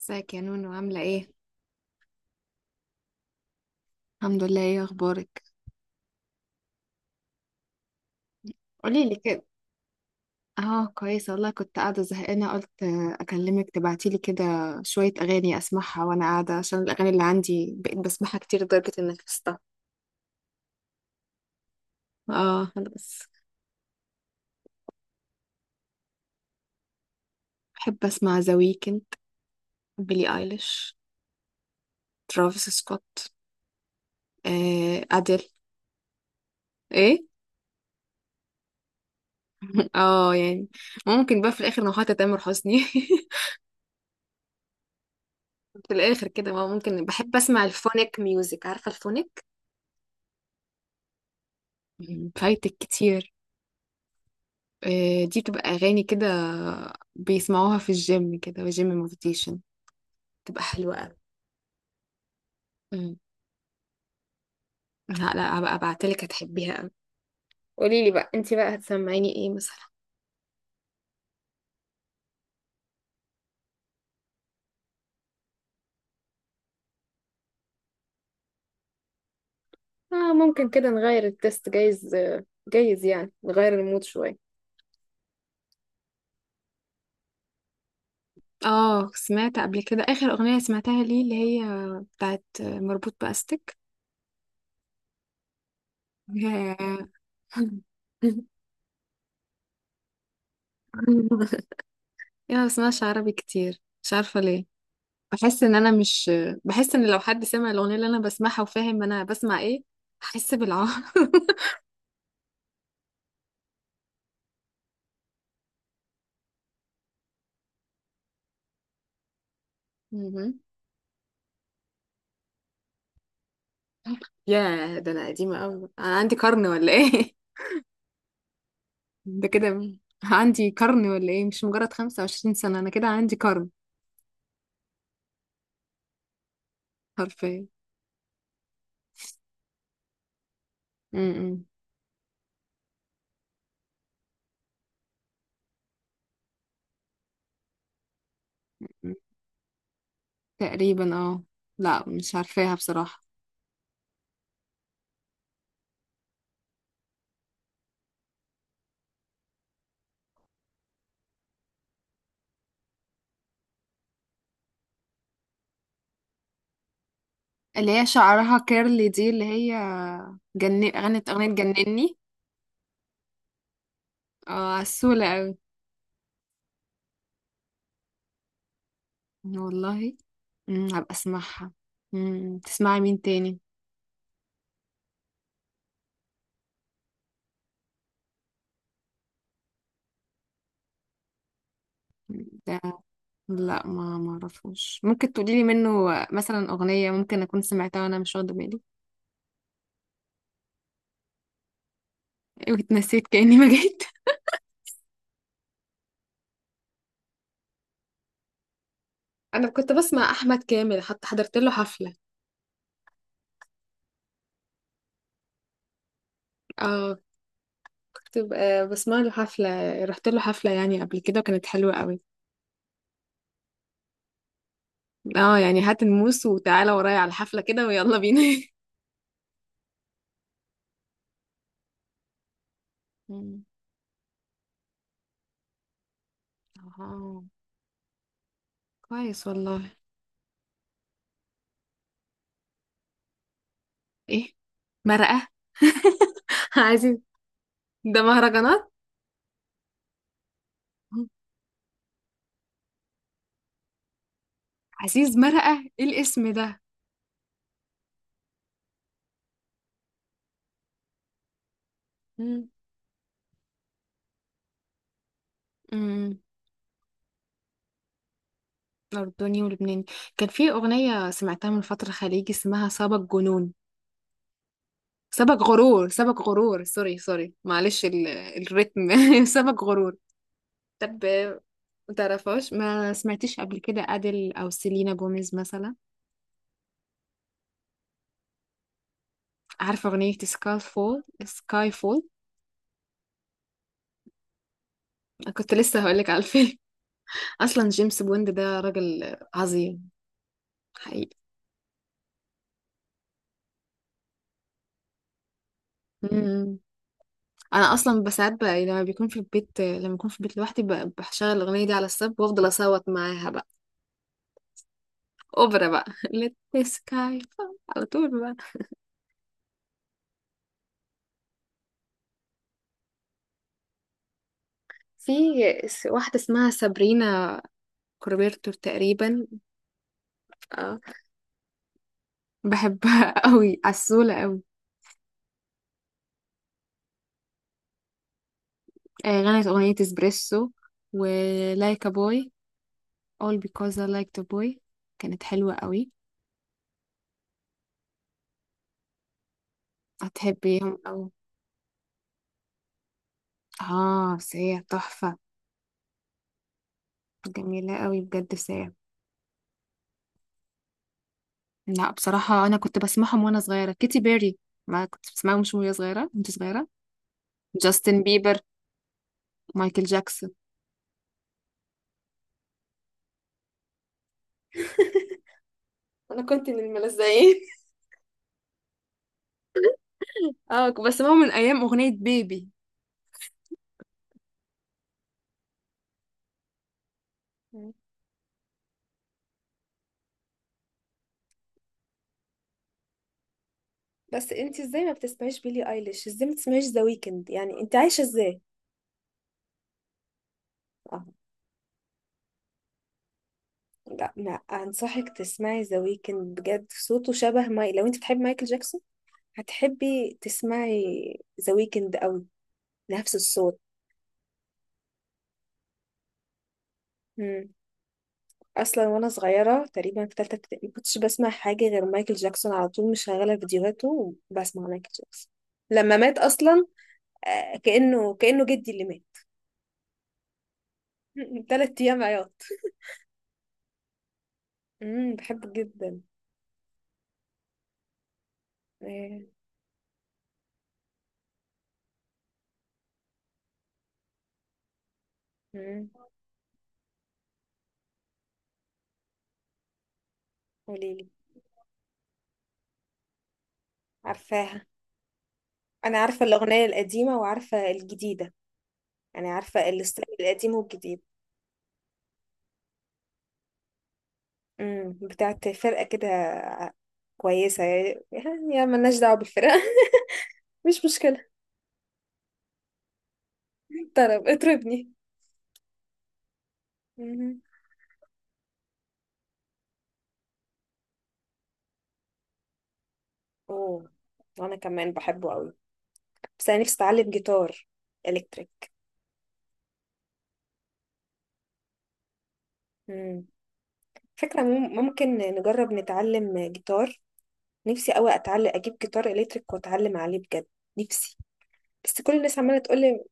ازيك يا نونو، عاملة ايه؟ الحمد لله، ايه اخبارك؟ قولي لي كده. اه كويسة والله، كنت قاعدة زهقانة، قلت اكلمك تبعتي لي كده شوية اغاني اسمعها وانا قاعدة، عشان الاغاني اللي عندي بقيت بسمعها كتير لدرجة انك حفظتها. اه انا بس. بحب اسمع ذا ويكند، بيلي ايليش، ترافيس سكوت، اديل. ايه؟ اه يعني، ممكن بقى في الاخر نوحة تامر حسني. في الاخر كده ما ممكن، بحب اسمع الفونيك ميوزك، عارفة الفونيك؟ فايتك كتير. دي بتبقى أغاني كده بيسمعوها في الجيم كده، وجيم موتيفيشن، بتبقى حلوة أوي. مم. لا لا، هبقى ابعتلك هتحبيها أوي. قولي لي بقى انتي بقى هتسمعيني ايه مثلا؟ آه ممكن كده نغير التست، جايز جايز يعني نغير المود شوية. اه سمعت قبل كده آخر أغنية سمعتها ليه، اللي هي بتاعت مربوط بأستك. يا ما بسمعش عربي كتير، مش عارفة ليه. بحس ان انا مش، بحس ان لو حد سمع الاغنيه اللي انا بسمعها وفاهم انا بسمع ايه هحس بالعار. مهم. يا ده انا قديمه قوي، انا عندي قرن ولا ايه؟ ده كده. عندي قرن ولا ايه؟ مش مجرد 25 سنه، انا كده عندي قرن. حرفيا. م- م. تقريبا اه. لا مش عارفاها بصراحه. اللي هي شعرها كيرلي، دي اللي هي غنت اغنيه جنني. اه عسوله. والله. هبقى اسمعها. تسمعي مين تاني؟ ده؟ لا، ما اعرفوش، ممكن تقولي لي منه مثلا اغنيه ممكن اكون سمعتها وانا مش واخده بالي. واتنسيت كاني ما جيت. انا كنت بسمع احمد كامل، حتى حضرت له حفله. اه كنت بسمع له حفله، رحت له حفله يعني قبل كده وكانت حلوه قوي. اه يعني هات الموس وتعالى ورايا على الحفله كده ويلا بينا. مم. اه كويس والله. ايه مرقه؟ عايزين. ده مهرجانات. مم. عزيز مرقة، ايه الاسم ده؟ مم. امم. أردني ولبناني. كان في أغنية سمعتها من فترة خليجي، اسمها سبق جنون، سبق غرور، سبق غرور، سوري سوري، معلش الريتم. سبق غرور. طب، ما تعرفهاش؟ ما سمعتيش قبل كده أديل أو سيلينا جوميز مثلا؟ عارفة أغنية سكاي فول؟ سكاي فول، كنت لسه هقولك على الفيلم. أصلا جيمس بوند ده راجل عظيم. حقيقي. انا اصلا بساعات بقى لما بيكون في البيت، لما بكون في البيت لوحدي بشغل الاغنيه دي على السب وافضل اصوت معاها بقى، اوبرا بقى. let the sky fall على طول بقى. في واحده اسمها سابرينا كوربيرتور تقريبا. آه، بحبها قوي، عسوله قوي. غنت اغنيه اسبريسو، و like a boy, all because I liked a boy، كانت حلوه قوي. هتحبيهم قوي. اه سيا تحفه. جميله قوي بجد سيا. لا، بصراحة أنا كنت بسمعهم وأنا صغيرة، كيتي بيري، ما كنت بسمعهم مش وهي صغيرة، كنت صغيرة. جاستن بيبر، مايكل جاكسون. انا كنت من الملزقين. اه كنت بسمعهم من أيام أغنية بيبي. مم. بس انت ازاي ما بتسمعيش بيلي ايليش؟ ازاي ما بتسمعيش ذا ويكند؟ يعني انت عايشه ازاي؟ اه لا، ما انصحك تسمعي ذا ويكند بجد، صوته شبه ماي، لو انت بتحبي مايكل جاكسون هتحبي تسمعي ذا ويكند قوي. نفس الصوت. مم. اصلا وانا صغيره تقريبا في ثالثه ابتدائي ما كنتش بسمع حاجه غير مايكل جاكسون، على طول مشغله فيديوهاته وبسمع مايكل جاكسون. لما مات اصلا كانه جدي اللي مات. 3 ايام عياط. بحبه جدا. آه، امم قوليلي، عارفاها؟ انا عارفه الاغنيه القديمه وعارفه الجديده. انا عارفه الستايل القديم والجديد. بتاعت فرقه كده، كويسه يعني، يعني ملناش دعوه بالفرقه. مش مشكله. طرب اطربني. مم. اوه. وانا كمان بحبه قوي، بس انا نفسي اتعلم جيتار الكتريك. امم فكرة، ممكن نجرب نتعلم جيتار. نفسي قوي اتعلم، اجيب جيتار الكتريك واتعلم عليه بجد. نفسي. بس كل الناس عمالة تقولي،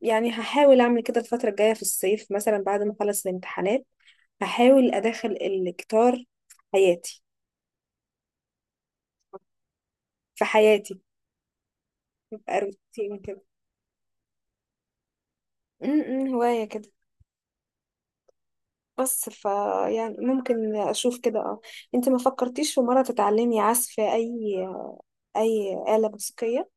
يعني هحاول اعمل كده الفترة الجاية في الصيف مثلا بعد ما اخلص الامتحانات. هحاول ادخل الجيتار في حياتي. في حياتي، يبقى روتين كده. هواية كده، بس يعني ممكن اشوف كده اه. انت ما فكرتيش في مرة تتعلمي عزف أي آلة موسيقية؟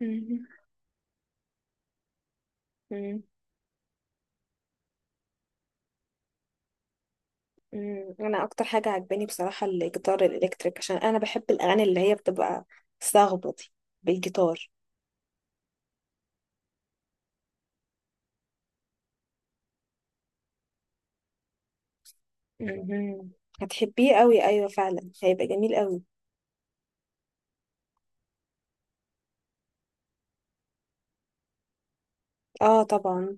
مم. مم. مم. أنا أكتر حاجة عجباني بصراحة الجيتار الإلكتريك، عشان أنا بحب الأغاني اللي هي بتبقى صاخبة دي بالجيتار. مم. هتحبيه قوي، أيوة فعلا هيبقى جميل قوي. اه طبعا.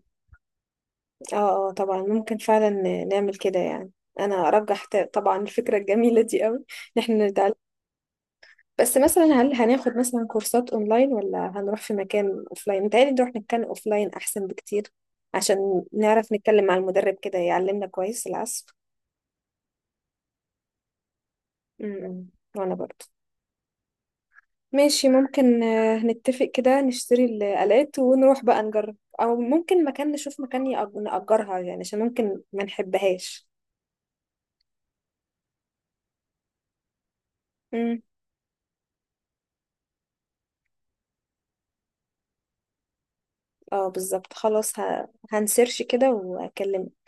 اه اه طبعا، ممكن فعلا نعمل كده يعني. أنا أرجح طبعا الفكرة الجميلة دي قوي إن احنا نتعلم. بس مثلا هل هناخد مثلا كورسات اونلاين ولا هنروح في مكان اوفلاين؟ متهيألي نروح نتكلم اوفلاين احسن بكتير، عشان نعرف نتكلم مع المدرب كده يعلمنا كويس العزف. امم. وانا برضو ماشي، ممكن نتفق كده نشتري الآلات ونروح بقى نجرب، او ممكن مكان، نشوف مكان نأجرها يعني، عشان ممكن ما نحبهاش. امم. اه بالظبط، خلاص هنسيرش كده واكلمك.